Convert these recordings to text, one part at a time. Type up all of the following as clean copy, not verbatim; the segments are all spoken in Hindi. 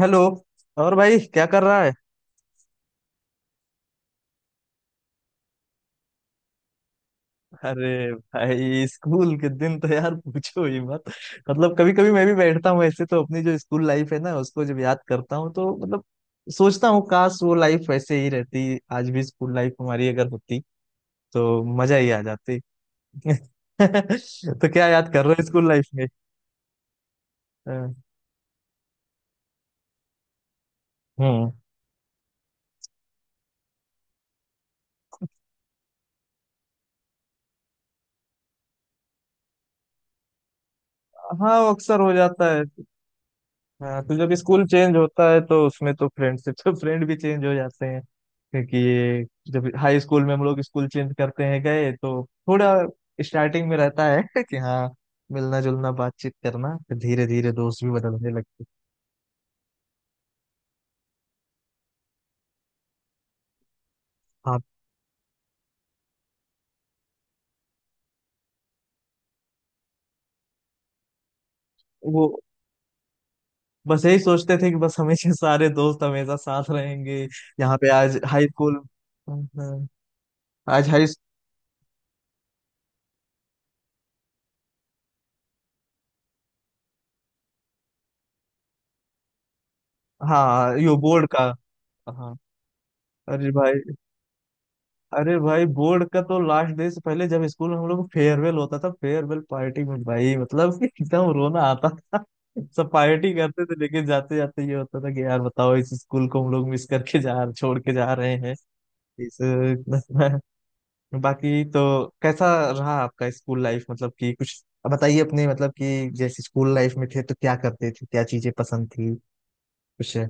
हेलो। और भाई क्या कर रहा है? अरे भाई स्कूल के दिन तो यार पूछो ही मत। मतलब कभी कभी मैं भी बैठता हूँ ऐसे तो अपनी जो स्कूल लाइफ है ना उसको जब याद करता हूँ तो मतलब सोचता हूँ काश वो लाइफ वैसे ही रहती। आज भी स्कूल लाइफ हमारी अगर होती तो मजा ही आ जाती। तो क्या याद कर रहे हो स्कूल लाइफ में? अ, हम्म। हाँ वो अक्सर हो जाता है। हाँ तो जब स्कूल चेंज होता है तो उसमें तो फ्रेंडशिप तो फ्रेंड भी चेंज हो जाते हैं क्योंकि ये जब हाई स्कूल में हम लोग स्कूल चेंज करते हैं गए तो थोड़ा स्टार्टिंग में रहता है कि हाँ मिलना जुलना बातचीत करना फिर धीरे धीरे दोस्त भी बदलने लगते। हाँ। वो बस यही सोचते थे कि बस हमेशा सारे दोस्त हमेशा साथ रहेंगे। यहाँ पे आज हाई स्कूल। हम्म, हम्म, आज हाई। हाँ यो बोर्ड का। हाँ। अरे भाई, अरे भाई बोर्ड का तो लास्ट डे से पहले जब स्कूल में हम लोग फेयरवेल होता था, फेयरवेल पार्टी में भाई मतलब कि एकदम रोना आता था। सब पार्टी करते थे लेकिन जाते जाते ये होता था कि यार बताओ इस स्कूल को हम लोग मिस करके जा छोड़ के जा रहे हैं इस बाकी तो कैसा रहा आपका स्कूल लाइफ? मतलब कि कुछ अब बताइए अपने, मतलब कि जैसे स्कूल लाइफ में थे तो क्या करते थे, क्या चीजें पसंद थी, कुछ है?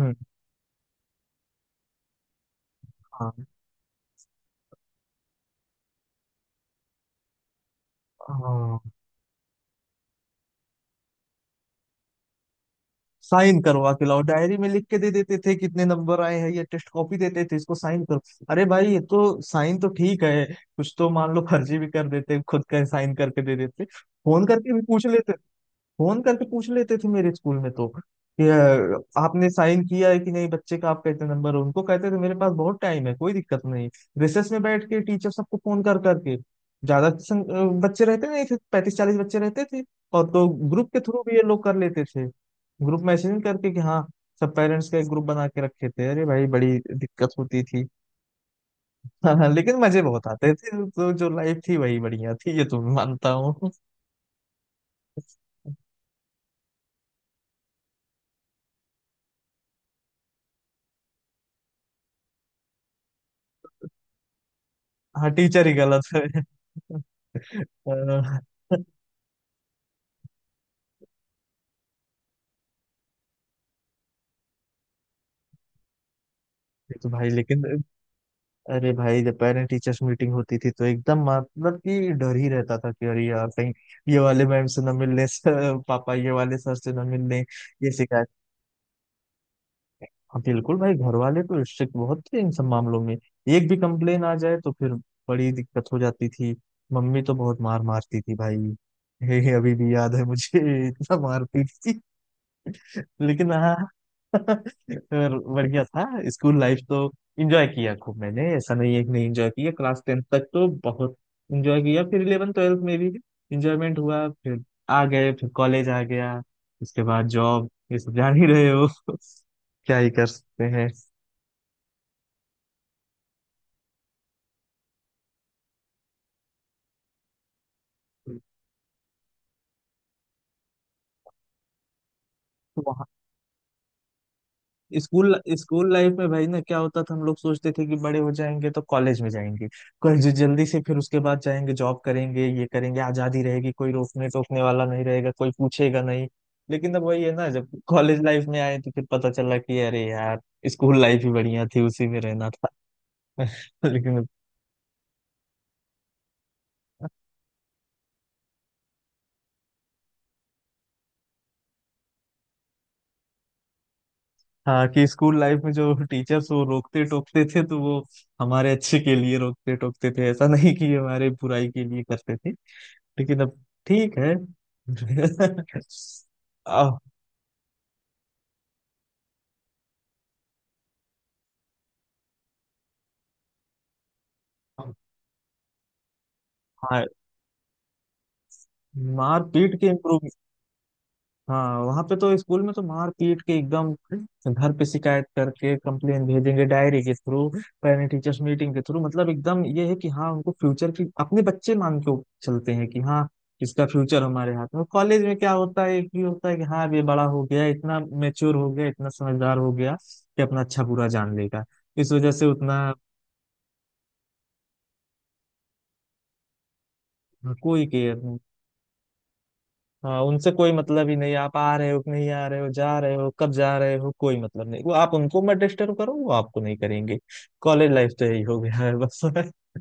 हम्म। हाँ, साइन करवा के लाओ डायरी में लिख के दे देते थे कितने नंबर आए हैं या टेस्ट कॉपी देते थे इसको साइन करो। अरे भाई ये तो साइन तो ठीक है, कुछ तो मान लो फर्जी भी कर देते खुद का साइन करके दे देते। फोन करके भी पूछ लेते। फोन करके पूछ लेते थे मेरे स्कूल में तो कि आपने साइन किया है कि नहीं, बच्चे का आपका इतना नंबर है, उनको कहते थे मेरे पास बहुत टाइम है कोई दिक्कत नहीं। रिसेस में बैठ के टीचर सबको फोन कर करके ज्यादा बच्चे रहते नहीं थे, 35 40 बच्चे रहते थे। और तो ग्रुप के थ्रू भी ये लोग कर लेते थे। ग्रुप मैसेजिंग करके कि हाँ सब पेरेंट्स का एक ग्रुप बना के रखे थे। अरे भाई बड़ी दिक्कत होती थी। हाँ हाँ लेकिन मजे बहुत आते थे तो जो लाइफ थी वही बढ़िया थी ये तो मैं मानता हूँ। हाँ टीचर ही गलत है। अ, ये तो भाई लेकिन अरे भाई जब पेरेंट टीचर्स मीटिंग होती थी तो एकदम मतलब कि डर ही रहता था कि अरे यार कहीं ये वाले मैम से ना मिलने से, पापा ये वाले सर से ना मिलने ये शिकायत। हाँ बिल्कुल भाई घर वाले तो स्ट्रिक्ट बहुत थे इन सब मामलों में, एक भी कंप्लेन आ जाए तो फिर बड़ी दिक्कत हो जाती थी। मम्मी तो बहुत मार मारती थी भाई। हे हे, अभी भी याद है मुझे, इतना मारती थी। लेकिन हाँ और बढ़िया था स्कूल लाइफ तो। एंजॉय किया खूब मैंने, ऐसा नहीं है कि नहीं एंजॉय किया, क्लास 10th तक तो बहुत एंजॉय किया, फिर 11th 12th में भी एंजॉयमेंट हुआ, फिर आ गए, फिर कॉलेज आ गया, उसके बाद जॉब ये सब जान ही रहे हो। क्या ही कर सकते हैं। स्कूल स्कूल लाइफ में भाई ना क्या होता था, हम लोग सोचते थे कि बड़े हो जाएंगे तो कॉलेज में जाएंगे, कॉलेज जल्दी से, फिर उसके बाद जाएंगे जॉब करेंगे ये करेंगे, आजादी रहेगी, कोई रोकने टोकने वाला नहीं रहेगा, कोई पूछेगा नहीं। लेकिन अब वही है ना, जब कॉलेज लाइफ में आए तो फिर पता चला कि अरे यार स्कूल लाइफ ही बढ़िया थी, उसी में रहना था। लेकिन हाँ, कि स्कूल लाइफ में जो टीचर्स वो रोकते टोकते थे तो वो हमारे अच्छे के लिए रोकते टोकते थे, ऐसा नहीं कि हमारे बुराई के लिए करते थे। लेकिन अब ठीक है। अब हाँ मार पीट के इम्प्रूव। हाँ वहां पे तो स्कूल में तो मार पीट के एकदम घर पे शिकायत करके कंप्लेन भेजेंगे डायरी के थ्रू, पेरेंट टीचर्स मीटिंग के थ्रू, मतलब एकदम ये है कि हाँ उनको फ्यूचर की अपने बच्चे मान के चलते हैं कि हाँ इसका फ्यूचर हमारे हाथ में। कॉलेज में क्या होता है, एक ही होता है कि हाँ अब ये बड़ा हो गया, इतना मेच्योर हो गया, इतना समझदार हो गया कि अपना अच्छा बुरा जान लेगा, इस वजह से उतना कोई केयर। हाँ उनसे कोई मतलब ही नहीं, आप आ रहे हो कि नहीं आ रहे हो, जा रहे हो कब जा रहे हो, कोई मतलब नहीं, वो आप उनको मत डिस्टर्ब करो वो आपको नहीं करेंगे। कॉलेज लाइफ तो यही हो गया है बस।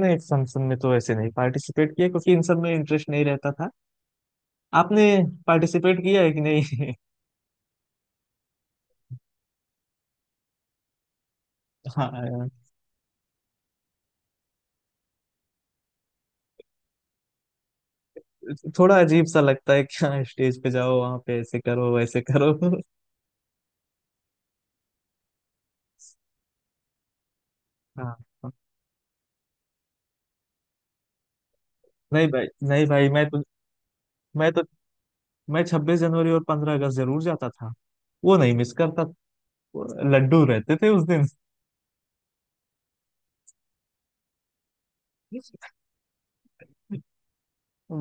नहीं, फंक्शन में तो ऐसे नहीं पार्टिसिपेट किया क्योंकि इन सब में इंटरेस्ट नहीं रहता था। आपने पार्टिसिपेट किया है कि नहीं? हाँ यार, थोड़ा अजीब सा लगता है कि हाँ स्टेज पे जाओ वहां पे ऐसे करो वैसे करो। हाँ हाँ। नहीं भाई नहीं भाई मैं तो मैं 26 जनवरी और 15 अगस्त जरूर जाता था, वो नहीं मिस करता, लड्डू रहते थे उस दिन।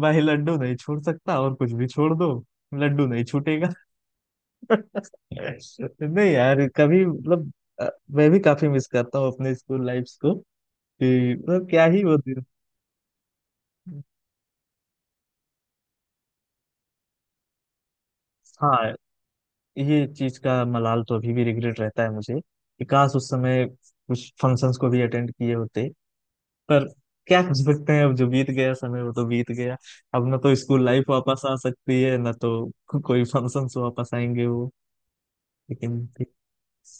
भाई लड्डू नहीं छोड़ सकता, और कुछ भी छोड़ दो लड्डू नहीं छूटेगा। नहीं यार कभी मतलब अ, मैं भी काफी मिस करता हूँ अपने स्कूल लाइफ्स को कि मतलब क्या ही वो दिन। हाँ ये चीज का मलाल तो अभी भी रिग्रेट रहता है मुझे कि काश उस समय कुछ फंक्शंस को भी अटेंड किए होते, पर क्या कर सकते हैं, अब जो बीत गया समय वो तो बीत गया, अब ना तो स्कूल लाइफ वापस आ सकती है ना तो कोई फंक्शंस वापस आएंगे वो। लेकिन ठीक।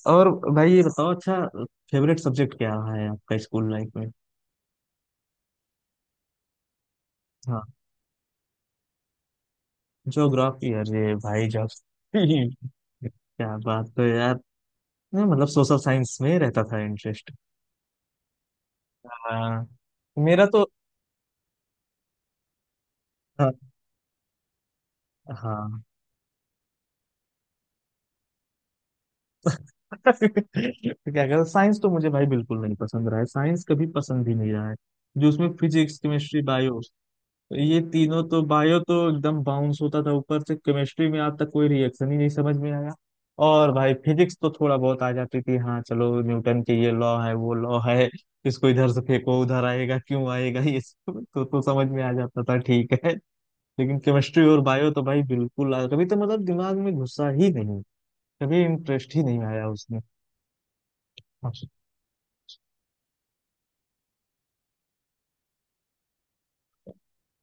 और भाई ये बताओ, अच्छा, फेवरेट सब्जेक्ट क्या रहा है आपका स्कूल लाइफ में? हाँ ज्योग्राफी, अरे भाई ज्योग्राफी। क्या बात है यार। नहीं, मतलब सोशल साइंस में रहता था इंटरेस्ट। हाँ मेरा तो। हाँ हाँ। तो क्या कहते, साइंस तो मुझे भाई बिल्कुल नहीं पसंद रहा है, साइंस कभी पसंद ही नहीं रहा है, जो उसमें फिजिक्स केमिस्ट्री बायो ये तीनों तो, बायो तो एकदम बाउंस होता था ऊपर से, केमिस्ट्री में आज तक कोई रिएक्शन ही नहीं समझ में आया, और भाई फिजिक्स तो थोड़ा बहुत आ जाती थी, हाँ चलो न्यूटन के ये लॉ है वो लॉ है, इसको इधर से फेंको उधर आएगा क्यों आएगा ये सब तो समझ में आ जाता था ठीक है, लेकिन केमिस्ट्री और बायो तो भाई बिल्कुल कभी तो मतलब दिमाग में घुसा ही नहीं, कभी इंटरेस्ट ही नहीं आया उसमें।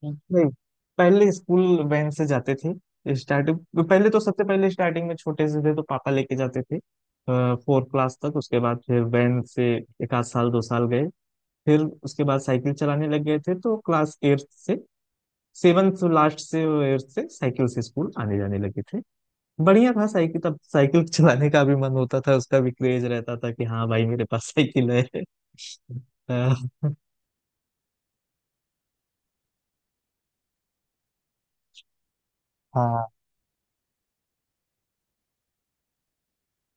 नहीं, पहले स्कूल वैन से जाते थे स्टार्टिंग, पहले तो सबसे पहले स्टार्टिंग में छोटे से थे तो पापा लेके जाते थे 4th क्लास तक, उसके बाद फिर वैन से एक आध साल 2 साल गए, फिर उसके बाद साइकिल चलाने लग गए थे तो क्लास 8th से, 7th से लास्ट से 8th से साइकिल से स्कूल आने जाने लगे थे। बढ़िया था साइकिल, तब साइकिल चलाने का भी मन होता था, उसका भी क्रेज रहता था कि हाँ भाई मेरे पास साइकिल है। अ, हाँ।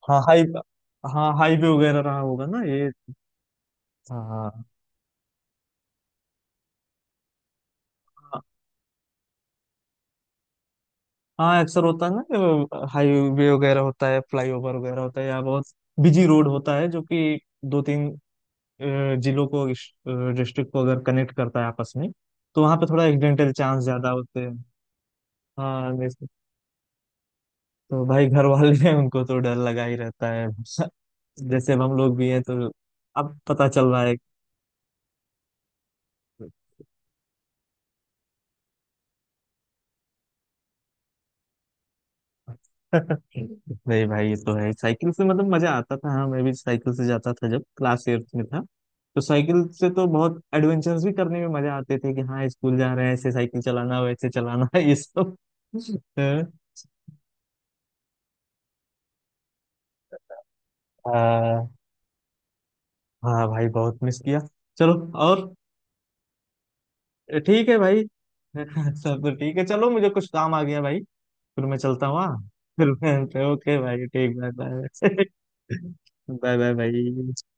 हाँ हाई, हाँ हाईवे वगैरह रहा होगा ना ये। हाँ, हाँ अक्सर होता है ना कि हाईवे वगैरह होता है, फ्लाईओवर वगैरह होता है, या बहुत बिजी रोड होता है जो कि 2 3 जिलों को, डिस्ट्रिक्ट को अगर कनेक्ट करता है आपस में तो वहाँ पे थोड़ा एक्सीडेंटल चांस ज्यादा होते हैं। हाँ जैसे तो भाई घर वाले हैं उनको तो डर लगा ही रहता है। जैसे अब हम लोग भी हैं तो अब पता चल रहा है। नहीं भाई ये तो है, साइकिल से मतलब मजा आता था, हाँ मैं भी साइकिल से जाता था जब क्लास 8th में था, तो साइकिल से तो बहुत एडवेंचर्स भी करने में मजा आते थे कि हाँ स्कूल जा रहे हैं, ऐसे साइकिल चलाना वैसे चलाना ये सब। हाँ। हाँ भाई बहुत मिस किया। चलो, और ठीक है भाई। सब तो ठीक है, चलो मुझे कुछ काम आ गया भाई, फिर मैं चलता हूँ हाँ। ओके भाई ठीक, बाय बाय। बाय बाय भाई।